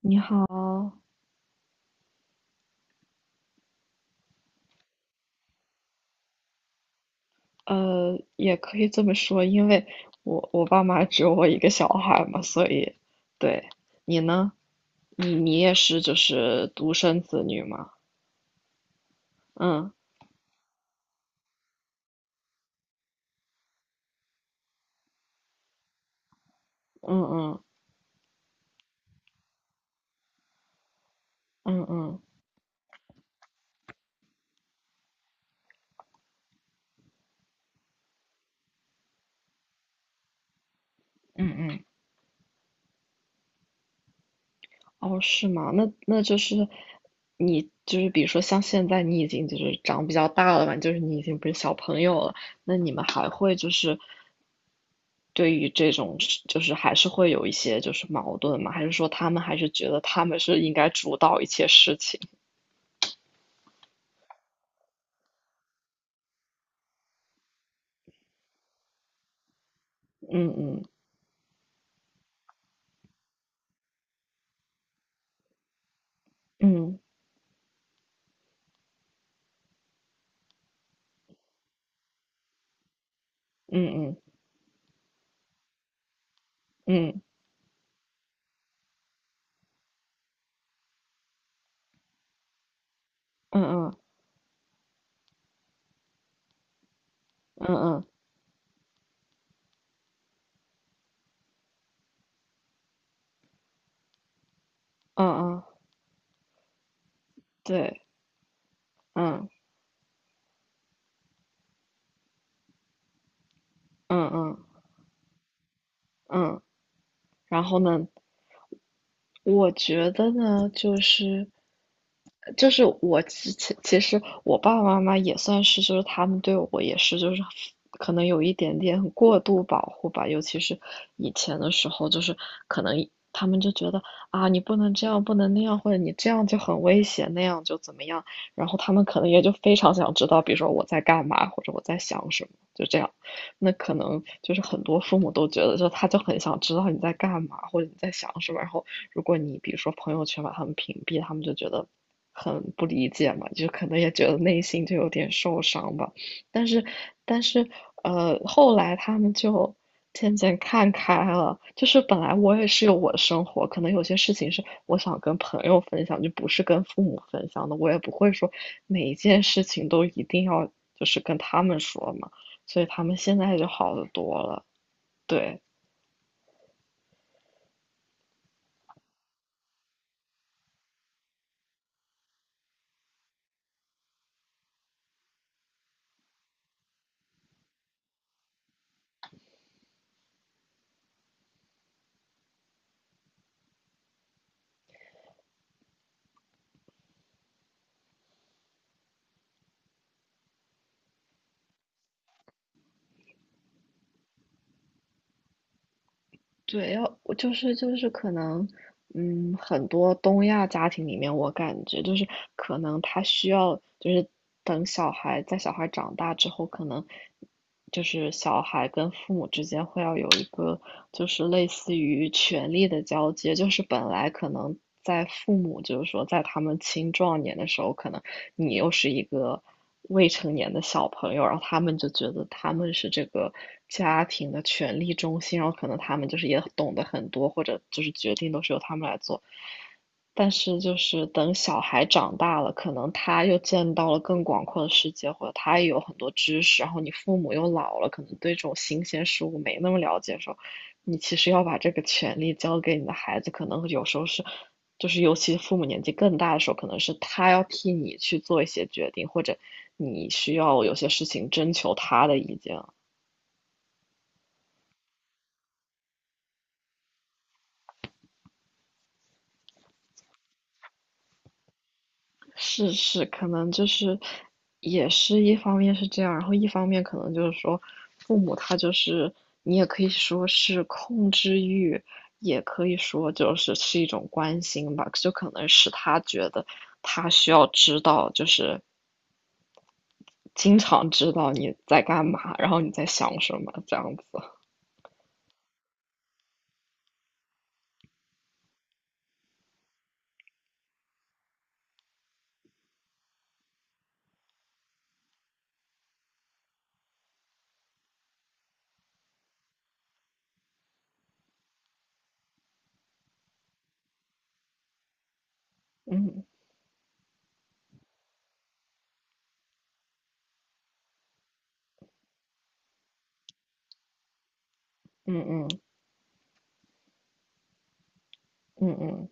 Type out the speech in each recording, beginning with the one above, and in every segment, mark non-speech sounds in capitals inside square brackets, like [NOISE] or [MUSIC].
你好。也可以这么说，因为我爸妈只有我一个小孩嘛，所以，对。你呢？你也是就是独生子女嘛？嗯嗯嗯嗯嗯嗯嗯嗯。哦，是吗？那就是你就是比如说像现在你已经就是长比较大了嘛，就是你已经不是小朋友了，那你们还会就是对于这种事就是还是会有一些就是矛盾吗？还是说他们还是觉得他们是应该主导一切事情？嗯嗯嗯嗯嗯嗯嗯嗯嗯嗯嗯嗯，对。嗯嗯嗯嗯。然后呢？我觉得呢，就是我其实我爸爸妈妈也算是，就是他们对我也是，就是可能有一点点过度保护吧，尤其是以前的时候，就是可能他们就觉得，啊，你不能这样，不能那样，或者你这样就很危险，那样就怎么样，然后他们可能也就非常想知道，比如说我在干嘛，或者我在想什么，就这样。那可能就是很多父母都觉得，就他就很想知道你在干嘛，或者你在想什么。然后，如果你比如说朋友圈把他们屏蔽，他们就觉得很不理解嘛，就可能也觉得内心就有点受伤吧。但是，但是，后来他们就渐渐看开了。就是本来我也是有我的生活，可能有些事情是我想跟朋友分享，就不是跟父母分享的。我也不会说每一件事情都一定要就是跟他们说嘛。所以他们现在就好得多了，对。对，要我就是可能，很多东亚家庭里面，我感觉就是可能他需要就是等小孩长大之后，可能就是小孩跟父母之间会要有一个就是类似于权力的交接，就是本来可能在父母就是说在他们青壮年的时候，可能你又是一个未成年的小朋友，然后他们就觉得他们是这个家庭的权力中心，然后可能他们就是也懂得很多，或者就是决定都是由他们来做。但是就是等小孩长大了，可能他又见到了更广阔的世界，或者他也有很多知识，然后你父母又老了，可能对这种新鲜事物没那么了解的时候，你其实要把这个权利交给你的孩子，可能有时候是，就是尤其父母年纪更大的时候，可能是他要替你去做一些决定，或者你需要有些事情征求他的意见。是是，可能就是也是一方面是这样，然后一方面可能就是说父母他就是你也可以说是控制欲，也可以说就是是一种关心吧，就可能是他觉得他需要知道，就是经常知道你在干嘛，然后你在想什么这样子。嗯嗯嗯嗯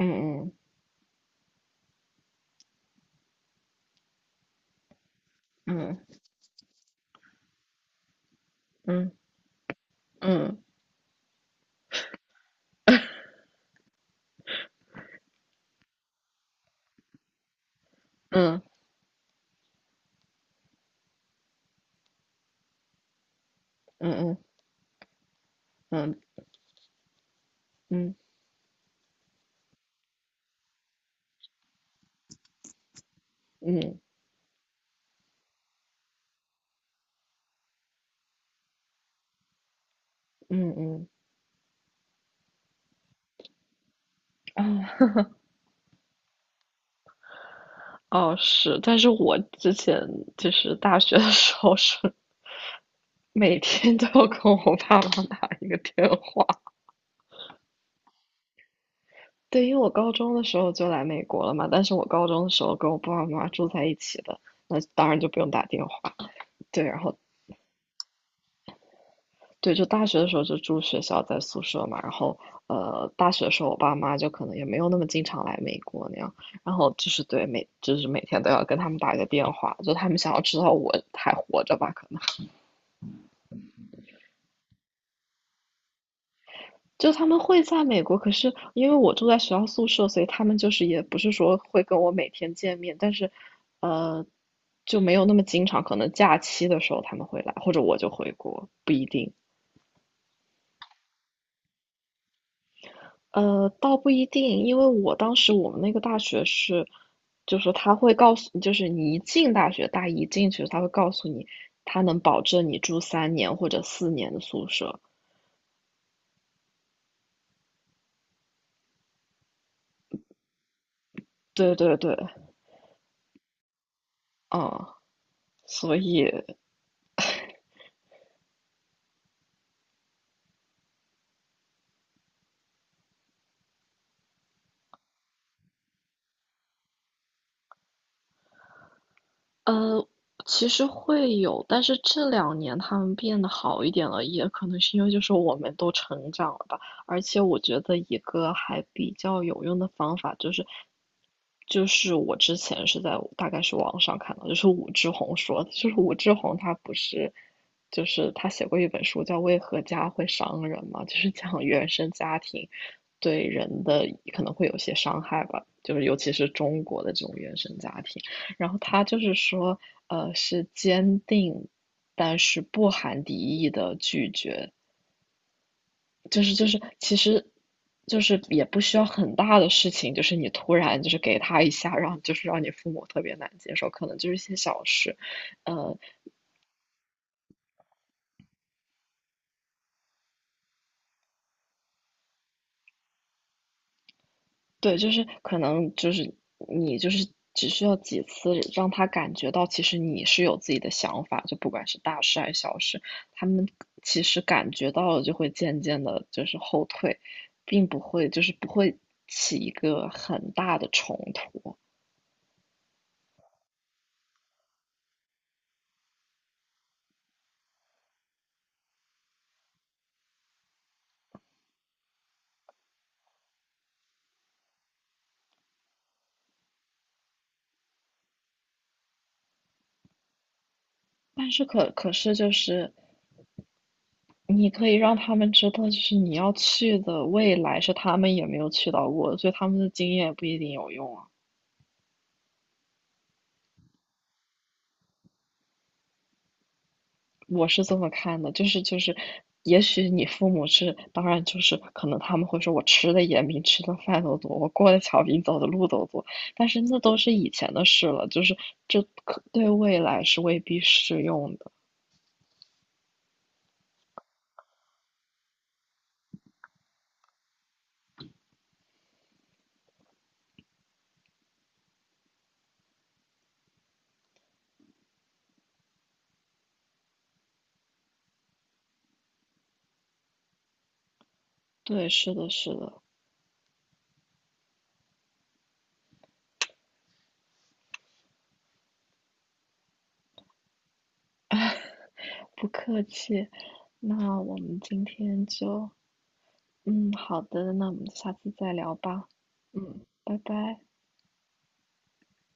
嗯嗯嗯嗯嗯嗯嗯嗯嗯嗯嗯嗯嗯。嗯。嗯。嗯。嗯。嗯。嗯。嗯。嗯。哦，是，但是我之前就是大学的时候是每天都要跟我爸妈打一个电话。对，因为我高中的时候就来美国了嘛，但是我高中的时候跟我爸爸妈妈住在一起的，那当然就不用打电话。对，然后对，就大学的时候就住学校在宿舍嘛，然后大学的时候我爸妈就可能也没有那么经常来美国那样，然后就是对每就是每天都要跟他们打一个电话，就他们想要知道我还活着吧，可能。就他们会在美国，可是因为我住在学校宿舍，所以他们就是也不是说会跟我每天见面，但是，呃，就没有那么经常，可能假期的时候他们会来，或者我就回国，不一定。倒不一定，因为我当时我们那个大学是，就是他会告诉，就是你一进大学，大一进去，他会告诉你，他能保证你住三年或者四年的宿舍。对对对，嗯，所以呃，其实会有，但是这两年他们变得好一点了，也可能是因为就是我们都成长了吧。而且我觉得一个还比较有用的方法就是，就是我之前是在大概是网上看到，就是武志红说的，就是武志红他不是，就是他写过一本书叫《为何家会伤人》嘛，就是 [LAUGHS] 讲原生家庭对人的可能会有些伤害吧，就是尤其是中国的这种原生家庭。然后他就是说，是坚定，但是不含敌意的拒绝，就是其实。就是也不需要很大的事情，就是你突然就是给他一下，让就是让你父母特别难接受，可能就是一些小事。呃，对，就是可能就是你就是只需要几次让他感觉到，其实你是有自己的想法，就不管是大事还是小事，他们其实感觉到了，就会渐渐的就是后退，并不会就是不会起一个很大的冲突。但是可是就是你可以让他们知道，就是你要去的未来是他们也没有去到过的，所以他们的经验不一定有用啊。我是这么看的，就是，也许你父母是，当然就是可能他们会说我吃的盐比你吃的饭都多，我过的桥比你走的路都多，但是那都是以前的事了，就是这可对未来是未必适用的。对，是的，是的。不客气。那我们今天就，好的。那我们下次再聊吧。嗯，拜拜。